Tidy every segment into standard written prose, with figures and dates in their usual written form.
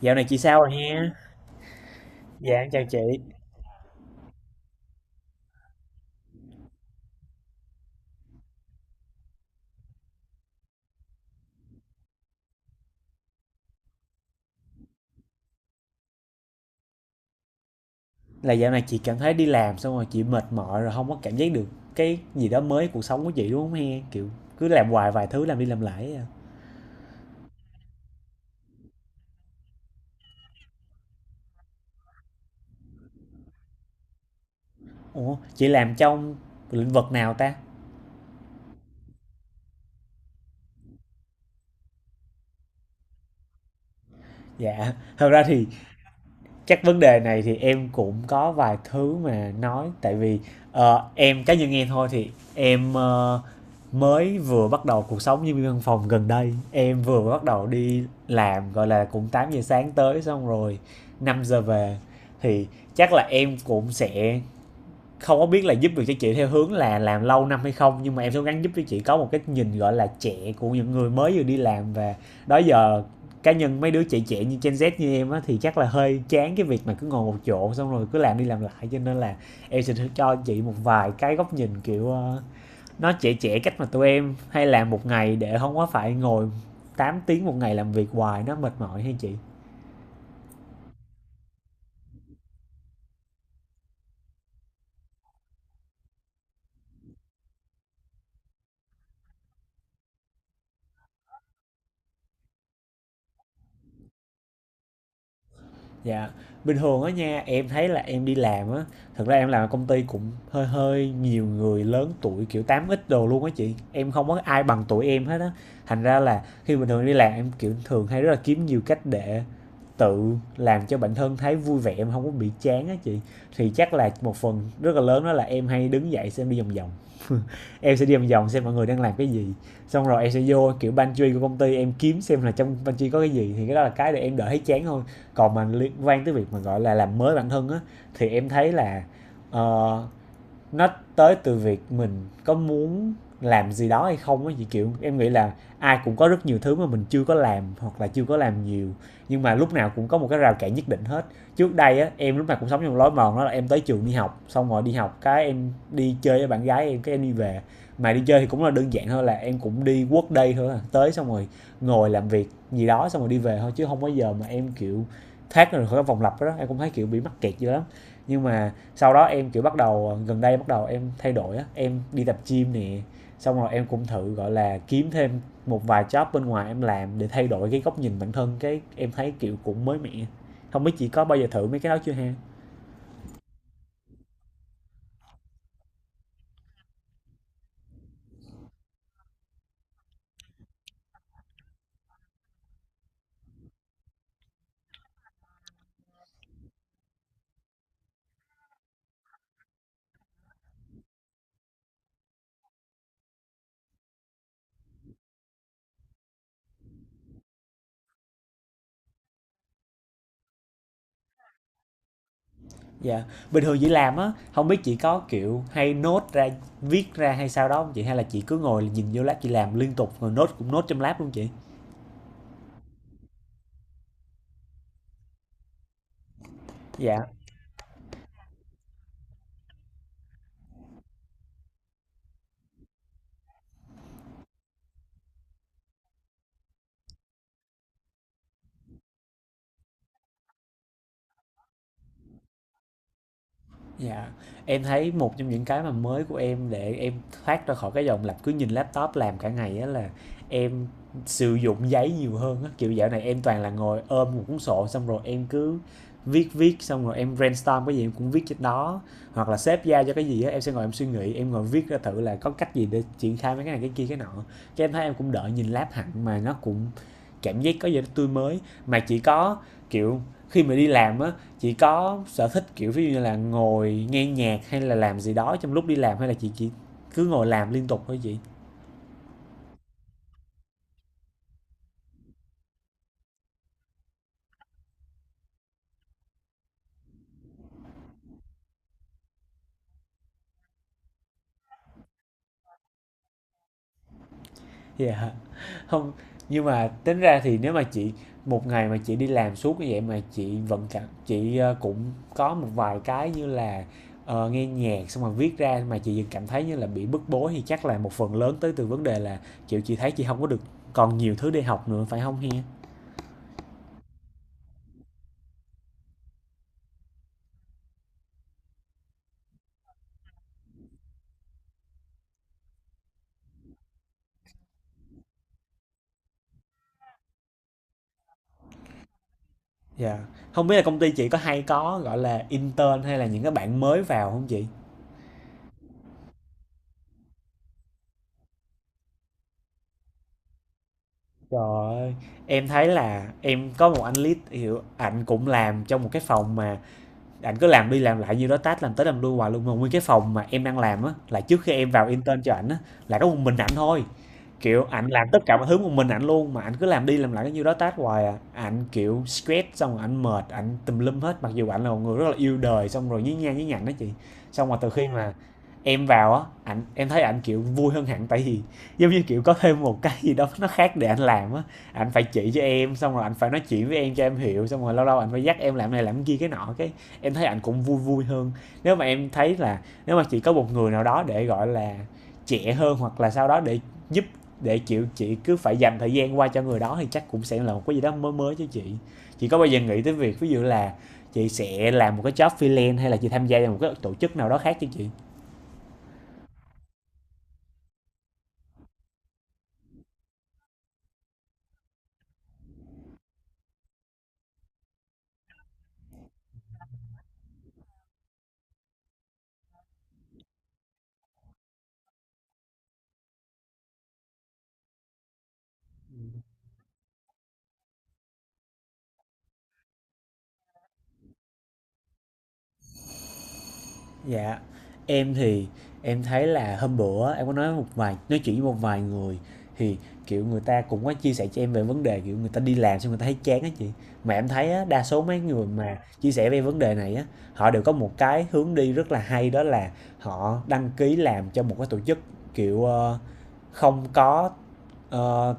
Dạo này chị sao rồi nha? Dạ, em chào chị. Là dạo này chị cảm thấy đi làm xong rồi chị mệt mỏi, rồi không có cảm giác được cái gì đó mới cuộc sống của chị, đúng không he? Kiểu cứ làm hoài vài thứ, làm đi làm lại ấy à. Ủa, chị làm trong lĩnh vực nào ta? Dạ, thật ra thì chắc vấn đề này thì em cũng có vài thứ mà nói, tại vì em cá nhân em thôi, thì em mới vừa bắt đầu cuộc sống nhân viên văn phòng. Gần đây em vừa bắt đầu đi làm, gọi là cũng 8 giờ sáng tới xong rồi 5 giờ về, thì chắc là em cũng sẽ không có biết là giúp được cho chị theo hướng là làm lâu năm hay không, nhưng mà em sẽ gắng giúp cho chị có một cái nhìn gọi là trẻ của những người mới vừa đi làm. Và đó giờ cá nhân mấy đứa trẻ trẻ như Gen Z như em á thì chắc là hơi chán cái việc mà cứ ngồi một chỗ xong rồi cứ làm đi làm lại, cho nên là em sẽ cho chị một vài cái góc nhìn kiểu nó trẻ trẻ, cách mà tụi em hay làm một ngày để không có phải ngồi 8 tiếng một ngày làm việc hoài nó mệt mỏi hay chị. Dạ, bình thường á nha, em thấy là em đi làm á, thật ra em làm ở công ty cũng hơi hơi nhiều người lớn tuổi kiểu 8X đồ luôn á chị. Em không có ai bằng tuổi em hết á. Thành ra là khi bình thường đi làm em kiểu thường hay rất là kiếm nhiều cách để tự làm cho bản thân thấy vui vẻ, em không có bị chán á chị. Thì chắc là một phần rất là lớn đó là em hay đứng dậy xem đi vòng vòng. Em sẽ đi vòng vòng xem mọi người đang làm cái gì. Xong rồi em sẽ vô kiểu pantry của công ty em, kiếm xem là trong pantry có cái gì, thì cái đó là cái để em đỡ thấy chán hơn. Còn mà liên quan tới việc mà gọi là làm mới bản thân á, thì em thấy là ờ, nó tới từ việc mình có muốn làm gì đó hay không á chị. Kiểu em nghĩ là ai cũng có rất nhiều thứ mà mình chưa có làm hoặc là chưa có làm nhiều, nhưng mà lúc nào cũng có một cái rào cản nhất định hết. Trước đây á em lúc nào cũng sống trong lối mòn, đó là em tới trường đi học, xong rồi đi học cái em đi chơi với bạn gái em, cái em đi về. Mà đi chơi thì cũng là đơn giản thôi, là em cũng đi quốc đây thôi à, tới xong rồi ngồi làm việc gì đó xong rồi đi về thôi, chứ không có giờ mà em kiểu thoát ra khỏi cái vòng lặp đó, em cũng thấy kiểu bị mắc kẹt dữ lắm. Nhưng mà sau đó em kiểu bắt đầu, gần đây bắt đầu em thay đổi á, em đi tập gym nè, xong rồi em cũng thử gọi là kiếm thêm một vài job bên ngoài em làm để thay đổi cái góc nhìn bản thân, cái em thấy kiểu cũng mới mẻ. Không biết chị có bao giờ thử mấy cái đó chưa ha? Dạ, bình thường chị làm á, không biết chị có kiểu hay nốt ra, viết ra hay sao đó không chị, hay là chị cứ ngồi nhìn vô lab chị làm liên tục rồi nốt cũng nốt trong lab luôn chị? Dạ. Dạ, em thấy một trong những cái mà mới của em để em thoát ra khỏi cái dòng lặp cứ nhìn laptop làm cả ngày á là em sử dụng giấy nhiều hơn á. Kiểu dạo này em toàn là ngồi ôm một cuốn sổ, xong rồi em cứ viết viết, xong rồi em brainstorm cái gì em cũng viết trên đó, hoặc là sếp giao cho cái gì á em sẽ ngồi em suy nghĩ, em ngồi viết ra thử là có cách gì để triển khai mấy cái này cái kia cái nọ, cái em thấy em cũng đợi nhìn lab hẳn mà nó cũng cảm giác có gì đó tươi mới. Mà chỉ có kiểu khi mà đi làm á, chị có sở thích, kiểu, ví dụ như là ngồi nghe nhạc hay là làm gì đó trong lúc đi làm, hay là chị chỉ cứ ngồi làm liên tục thôi chị? Dạ. Hông, nhưng mà tính ra thì nếu mà chị một ngày mà chị đi làm suốt như vậy, mà chị vẫn cảm chị, cũng có một vài cái như là, nghe nhạc xong rồi viết ra, mà chị vẫn cảm thấy như là bị bức bối, thì chắc là một phần lớn tới từ vấn đề là, kiểu, chị thấy chị không có được còn nhiều thứ để học nữa, phải không he? Dạ. Yeah. Không biết là công ty chị có hay có, gọi là, intern hay là những cái bạn mới vào không chị? Trời ơi, em thấy là em có một anh lead, hiểu, ảnh cũng làm trong một cái phòng mà ảnh cứ làm đi làm lại nhiêu đó task, làm tới làm lui hoài luôn. Mà nguyên cái phòng mà em đang làm á, là trước khi em vào intern cho ảnh á, là có một mình ảnh thôi. Kiểu ảnh làm tất cả mọi thứ một mình ảnh luôn, mà ảnh cứ làm đi làm lại cái nhiêu đó task hoài à. Ảnh, kiểu, stress xong rồi ảnh mệt, ảnh tùm lum hết, mặc dù ảnh là một người rất là yêu đời, xong rồi nhí nha nhí nhảnh á chị. Xong rồi từ khi mà em vào á, ảnh em thấy ảnh, kiểu, vui hơn hẳn, tại vì, giống như, kiểu, có thêm một cái gì đó nó khác để ảnh làm á. Ảnh phải chỉ cho em, xong rồi ảnh phải nói chuyện với em cho em hiểu, xong rồi lâu lâu ảnh phải dắt em làm này làm kia cái nọ, cái em thấy ảnh cũng vui vui hơn. Nếu mà em thấy là nếu mà chỉ có một người nào đó để, gọi là, trẻ hơn hoặc là sau đó để giúp, để chịu chị cứ phải dành thời gian qua cho người đó, thì chắc cũng sẽ là một cái gì đó mới mới cho chị. Chị có bao giờ nghĩ tới việc ví dụ là chị sẽ làm một cái job freelance, hay là chị tham gia vào một cái tổ chức nào đó khác chứ chị? Dạ, em thì em thấy là hôm bữa em có nói một vài nói chuyện với một vài người, thì kiểu người ta cũng có chia sẻ cho em về vấn đề kiểu người ta đi làm xong người ta thấy chán á chị. Mà em thấy á, đa số mấy người mà chia sẻ về vấn đề này á, họ đều có một cái hướng đi rất là hay, đó là họ đăng ký làm cho một cái tổ chức kiểu không có. ờ,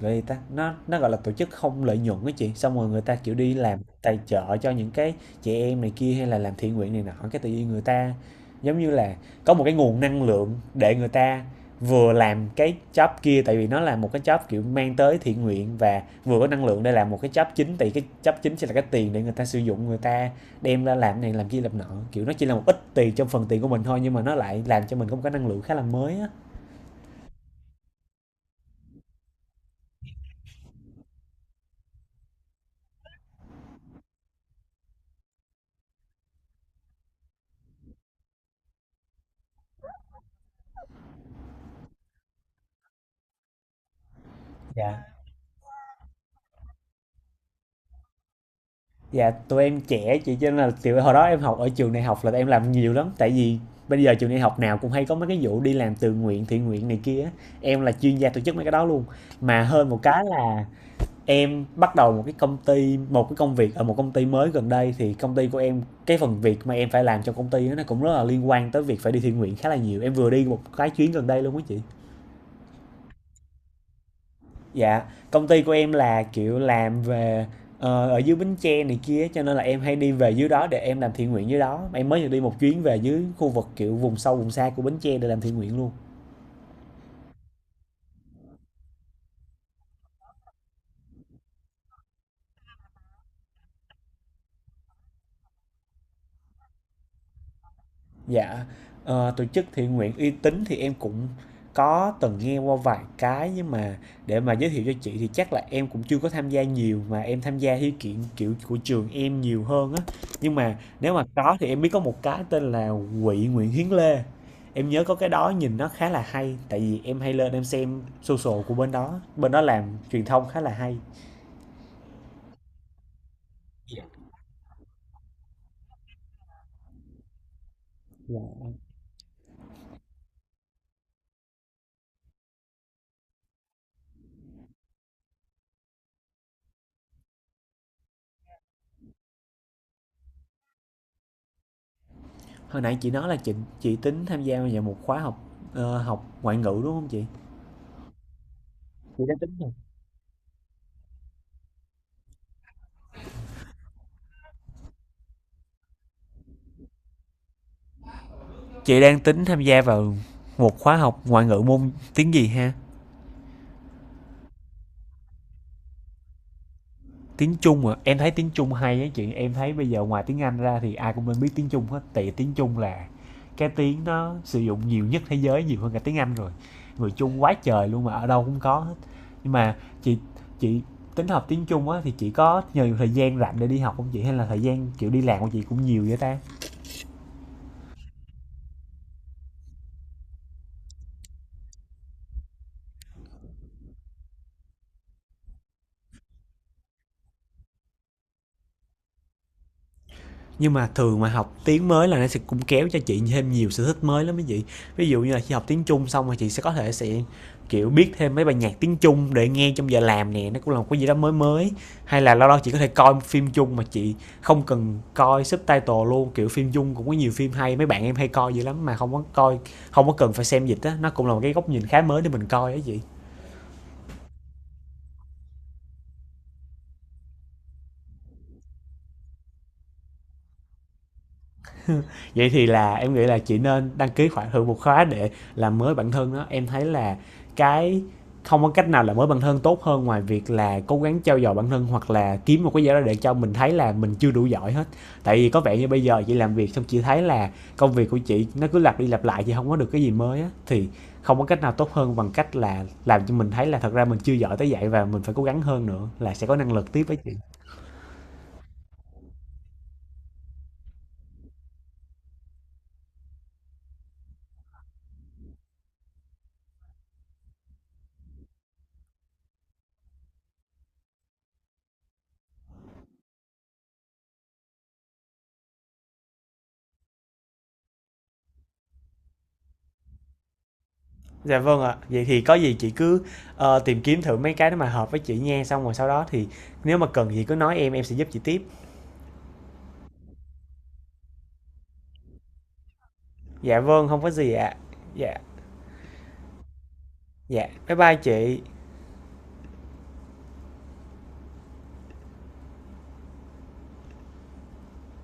Gọi gì ta? Nó, gọi là, tổ chức không lợi nhuận á chị, xong rồi người ta, kiểu, đi làm tài trợ cho những cái chị em này kia, hay là làm thiện nguyện này nọ, cái tự nhiên người ta, giống như là, có một cái nguồn năng lượng để người ta vừa làm cái job kia, tại vì nó là một cái job, kiểu, mang tới thiện nguyện, và vừa có năng lượng để làm một cái job chính, tại cái job chính sẽ là cái tiền để người ta sử dụng, người ta đem ra làm này làm kia làm nọ, kiểu, nó chỉ là một ít tiền trong phần tiền của mình thôi, nhưng mà nó lại làm cho mình có một cái năng lượng khá là mới á. Dạ. Dạ, tụi em trẻ chị cho nên là, kiểu, hồi đó em học ở trường đại học là em làm nhiều lắm, tại vì bây giờ trường đại học nào cũng hay có mấy cái vụ đi làm tự nguyện, thiện nguyện này kia á, em là chuyên gia tổ chức mấy cái đó luôn. Mà hơn một cái là em bắt đầu một cái công ty, một cái công việc ở một công ty mới gần đây, thì công ty của em, cái phần việc mà em phải làm cho công ty á, nó cũng rất là liên quan tới việc phải đi thiện nguyện khá là nhiều. Em vừa đi một cái chuyến gần đây luôn á chị. Dạ, công ty của em là, kiểu, làm về, ở dưới Bến Tre này kia cho nên là em hay đi về dưới đó để em làm thiện nguyện dưới đó. Em mới vừa đi một chuyến về dưới khu vực, kiểu, vùng sâu vùng xa của Bến Tre để làm thiện nguyện luôn. Dạ, tổ chức thiện nguyện uy tín thì em cũng có từng nghe qua vài cái, nhưng mà để mà giới thiệu cho chị thì chắc là em cũng chưa có tham gia nhiều, mà em tham gia theo kiện kiểu của trường em nhiều hơn á. Nhưng mà nếu mà có thì em biết có một cái tên là Quỹ Nguyễn Hiến Lê. Em nhớ có cái đó nhìn nó khá là hay, tại vì em hay lên em xem social của bên đó làm truyền thông khá là hay. Dạ. Dạ. Hồi nãy chị nói là chị tính tham gia vào một khóa học, học ngoại ngữ đúng không chị? Chị đã tính Chị đang tính tham gia vào một khóa học ngoại ngữ môn tiếng gì ha? Tiếng Trung à? Em thấy tiếng Trung hay á chị. Em thấy bây giờ ngoài tiếng Anh ra thì ai cũng nên biết tiếng Trung hết. Tại vì tiếng Trung là cái tiếng nó sử dụng nhiều nhất thế giới, nhiều hơn cả tiếng Anh rồi. Người Trung quá trời luôn mà ở đâu cũng có hết. Nhưng mà chị chị tính học tiếng Trung á, thì chị có nhiều thời gian rảnh để đi học không chị, hay là thời gian kiểu đi làm của chị cũng nhiều vậy ta? Nhưng mà thường mà học tiếng mới là nó sẽ cũng kéo cho chị thêm nhiều sở thích mới lắm mấy chị. Ví dụ như là khi học tiếng Trung xong rồi chị sẽ có thể sẽ, kiểu, biết thêm mấy bài nhạc tiếng Trung để nghe trong giờ làm nè, nó cũng là một cái gì đó mới mới. Hay là lâu lâu chị có thể coi phim Trung mà chị không cần coi subtitle luôn, kiểu phim Trung cũng có nhiều phim hay, mấy bạn em hay coi dữ lắm mà không có coi, không có cần phải xem dịch á, nó cũng là một cái góc nhìn khá mới để mình coi á chị. Vậy thì là em nghĩ là chị nên đăng ký khoảng hơn một khóa để làm mới bản thân đó. Em thấy là cái không có cách nào là mới bản thân tốt hơn ngoài việc là cố gắng trau dồi bản thân, hoặc là kiếm một cái gì đó để cho mình thấy là mình chưa đủ giỏi hết. Tại vì có vẻ như bây giờ chị làm việc xong chị thấy là công việc của chị nó cứ lặp đi lặp lại, chị không có được cái gì mới á, thì không có cách nào tốt hơn bằng cách là làm cho mình thấy là thật ra mình chưa giỏi tới vậy, và mình phải cố gắng hơn nữa là sẽ có năng lực tiếp với chị. Dạ vâng ạ. Vậy thì có gì chị cứ, tìm kiếm thử mấy cái đó mà hợp với chị nha, xong rồi sau đó thì nếu mà cần gì cứ nói em sẽ giúp chị tiếp. Dạ vâng, không có gì ạ. Dạ, dạ, bye bye chị.